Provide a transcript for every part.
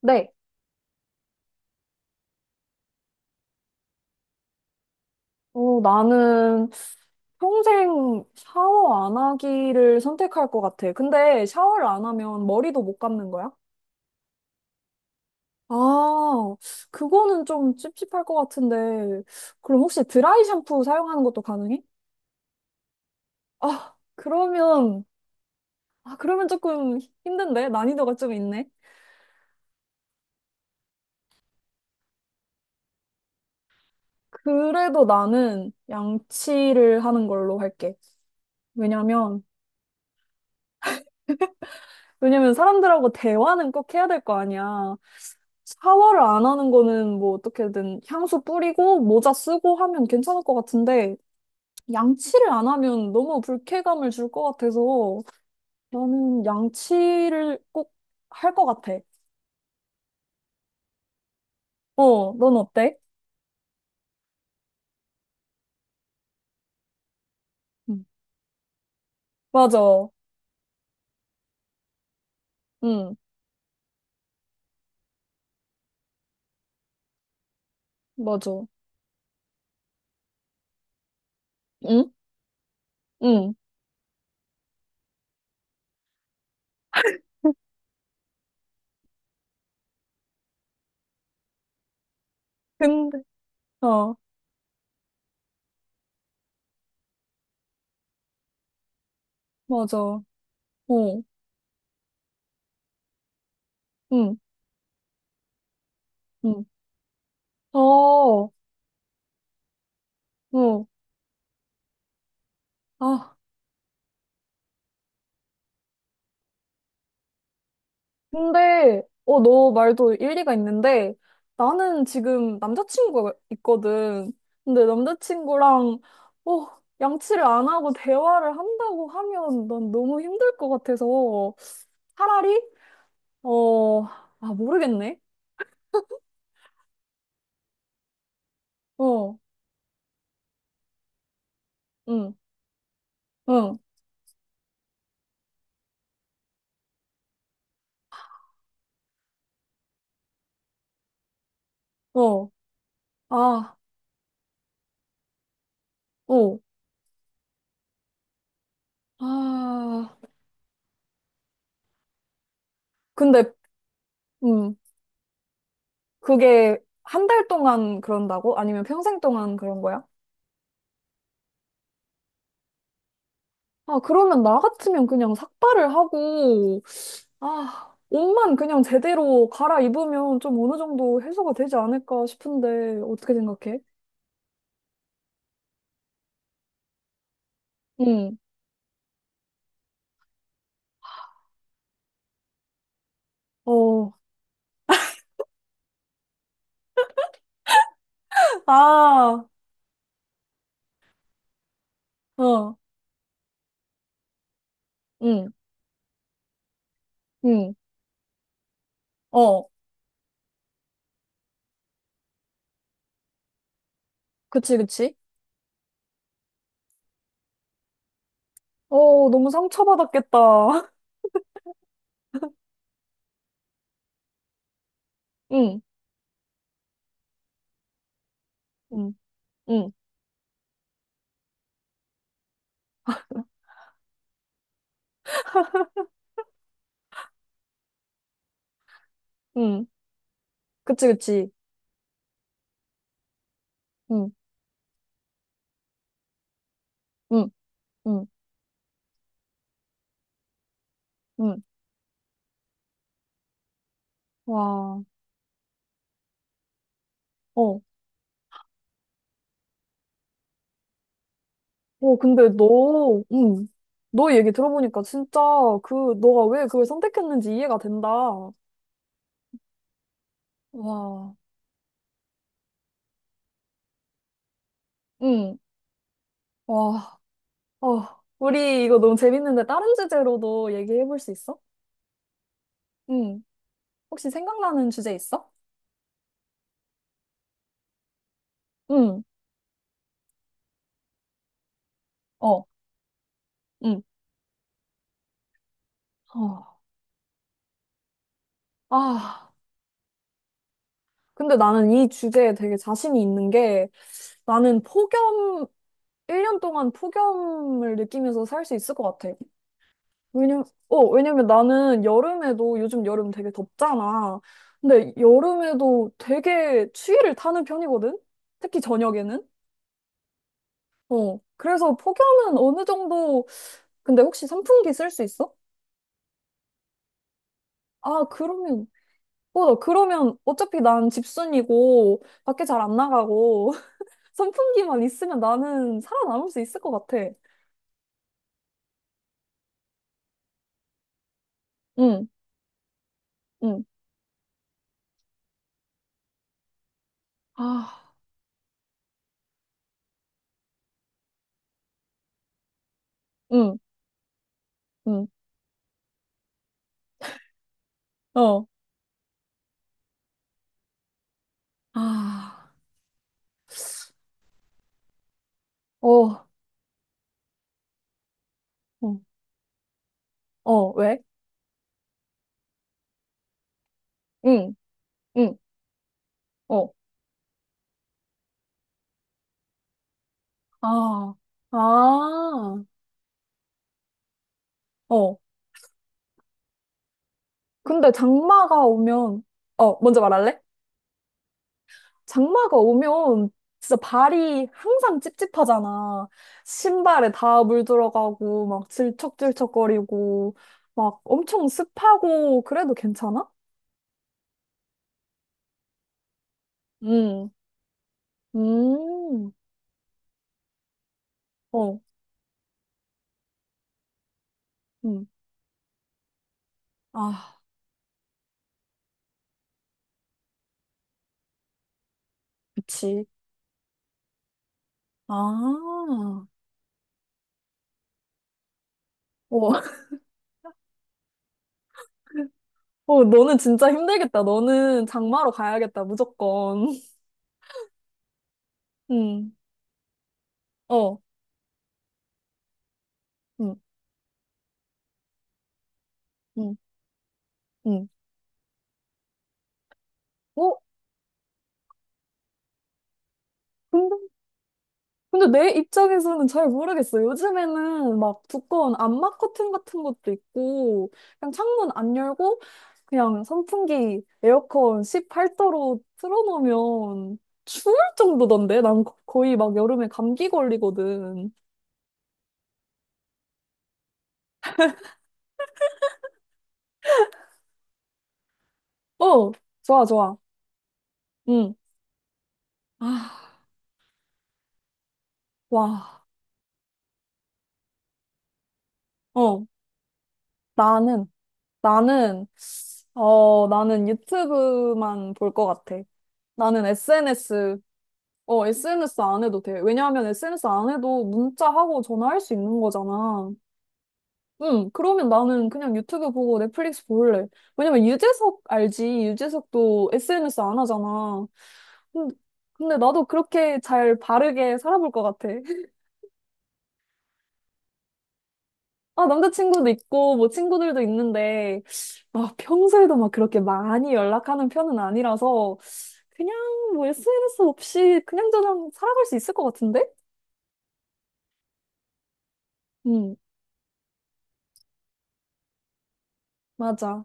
네. 어, 나는 평생 샤워 안 하기를 선택할 것 같아. 근데 샤워를 안 하면 머리도 못 감는 거야? 아, 그거는 좀 찝찝할 것 같은데. 그럼 혹시 드라이 샴푸 사용하는 것도 가능해? 아, 그러면, 아, 그러면 조금 힘든데? 난이도가 좀 있네. 그래도 나는 양치를 하는 걸로 할게. 왜냐면 왜냐면 사람들하고 대화는 꼭 해야 될 거 아니야. 샤워를 안 하는 거는 뭐 어떻게든 향수 뿌리고 모자 쓰고 하면 괜찮을 것 같은데 양치를 안 하면 너무 불쾌감을 줄 것 같아서 나는 양치를 꼭 할 것 같아. 어, 넌 어때? 응, 맞아. 응, 맞아. 응? 응. 근데, 어, 맞아. 어, 응, 응. 어, 어. 아. 근데, 어, 너 말도 일리가 있는데, 나는 지금 남자친구가 있거든. 근데 남자친구랑, 어, 양치를 안 하고 대화를 한다고 하면 난 너무 힘들 것 같아서, 차라리, 어, 아, 모르겠네. 어, 응, 응, 어, 아, 어, 아. 근데, 음, 그게 한 달 동안 그런다고? 아니면 평생 동안 그런 거야? 아, 그러면 나 같으면 그냥 삭발을 하고, 아, 옷만 그냥 제대로 갈아입으면 좀 어느 정도 해소가 되지 않을까 싶은데, 어떻게 생각해? 응. 어, 아, 어, 응, 응, 어, 그치, 그치. 어, 너무 상처받았겠다. 응, 응, 응, 응, 그치, 그치. 응, 응, 응, 응. 와, 어, 어, 근데 너, 응, 너 얘기 들어보니까 진짜 그, 너가 왜 그걸 선택했는지 이해가 된다. 와, 응. 와. 어, 우리 이거 너무 재밌는데 다른 주제로도 얘기해 볼 수 있어? 응. 혹시 생각나는 주제 있어? 응. 어. 응. 어. 아, 근데 나는 이 주제에 되게 자신이 있는 게 나는 폭염, 1년 동안 폭염을 느끼면서 살 수 있을 것 같아. 왜냐면, 어, 왜냐면 나는 여름에도 요즘 여름 되게 덥잖아. 근데 여름에도 되게 추위를 타는 편이거든? 특히 저녁에는. 어. 그래서 폭염은 어느 정도 근데 혹시 선풍기 쓸 수 있어? 아, 그러면, 어, 나 그러면 어차피 난 집순이고, 밖에 잘 안 나가고, 선풍기만 있으면 나는 살아남을 수 있을 것 같아. 응, 응, 아, 응, 응, 어, 아, 어, 어, 어, 왜? 응, 응, 어, 아. 아, 어. 근데 장마가 오면, 어, 먼저 말할래? 장마가 오면 진짜 발이 항상 찝찝하잖아. 신발에 다 물 들어가고, 막 질척질척거리고, 막 엄청 습하고, 그래도 괜찮아? 음, 음, 어, 음. 아, 그치. 아, 어, 어, 너는 진짜 힘들겠다. 너는 장마로 가야겠다, 무조건. 음, 어, 음, 음, 음. 어? 근데 근데 내 입장에서는 잘 모르겠어요. 요즘에는 막 두꺼운 암막 커튼 같은 것도 있고, 그냥 창문 안 열고, 그냥 선풍기, 에어컨 18도로 틀어놓으면 추울 정도던데? 난 거의 막 여름에 감기 걸리거든. 어, 좋아, 좋아. 응. 아, 와. 어, 나는, 나는, 어, 나는 유튜브만 볼 것 같아. 나는 SNS 어, SNS 안 해도 돼. 왜냐하면 SNS 안 해도 문자하고 전화할 수 있는 거잖아. 응, 그러면 나는 그냥 유튜브 보고 넷플릭스 볼래. 왜냐면 유재석 알지? 유재석도 SNS 안 하잖아. 근데, 근데 나도 그렇게 잘 바르게 살아볼 것 같아. 아, 남자친구도 있고, 뭐 친구들도 있는데, 막 평소에도 막 그렇게 많이 연락하는 편은 아니라서, 그냥 뭐 SNS 없이 그냥 저냥 살아갈 수 있을 것 같은데? 응, 맞아.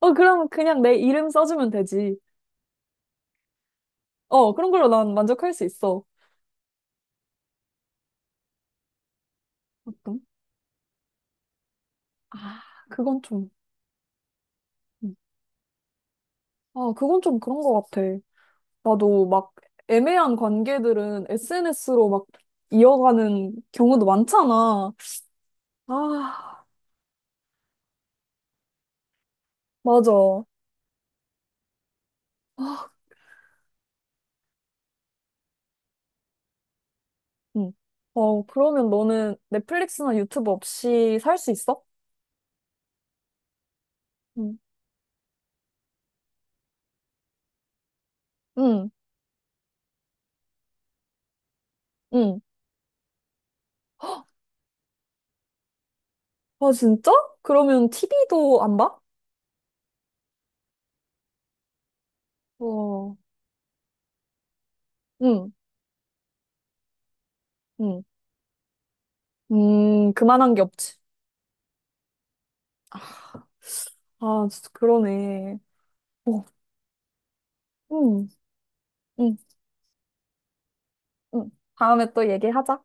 어, 그럼 그냥 내 이름 써주면 되지. 어, 그런 걸로 난 만족할 수 있어. 어떤? 아, 그건 좀, 음. 아, 그건 좀 그런 것 같아. 나도 막 애매한 관계들은 SNS로 막 이어가는 경우도 많잖아. 아, 맞아. 아, 응. 어, 그러면 너는 넷플릭스나 유튜브 없이 살 수 있어? 응, 응, 응. 아, 진짜? 그러면 TV도 안 봐? 어, 응, 응. 그만한 게 없지. 아, 진짜 그러네. 어, 응, 응, 응. 다음에 또 얘기하자.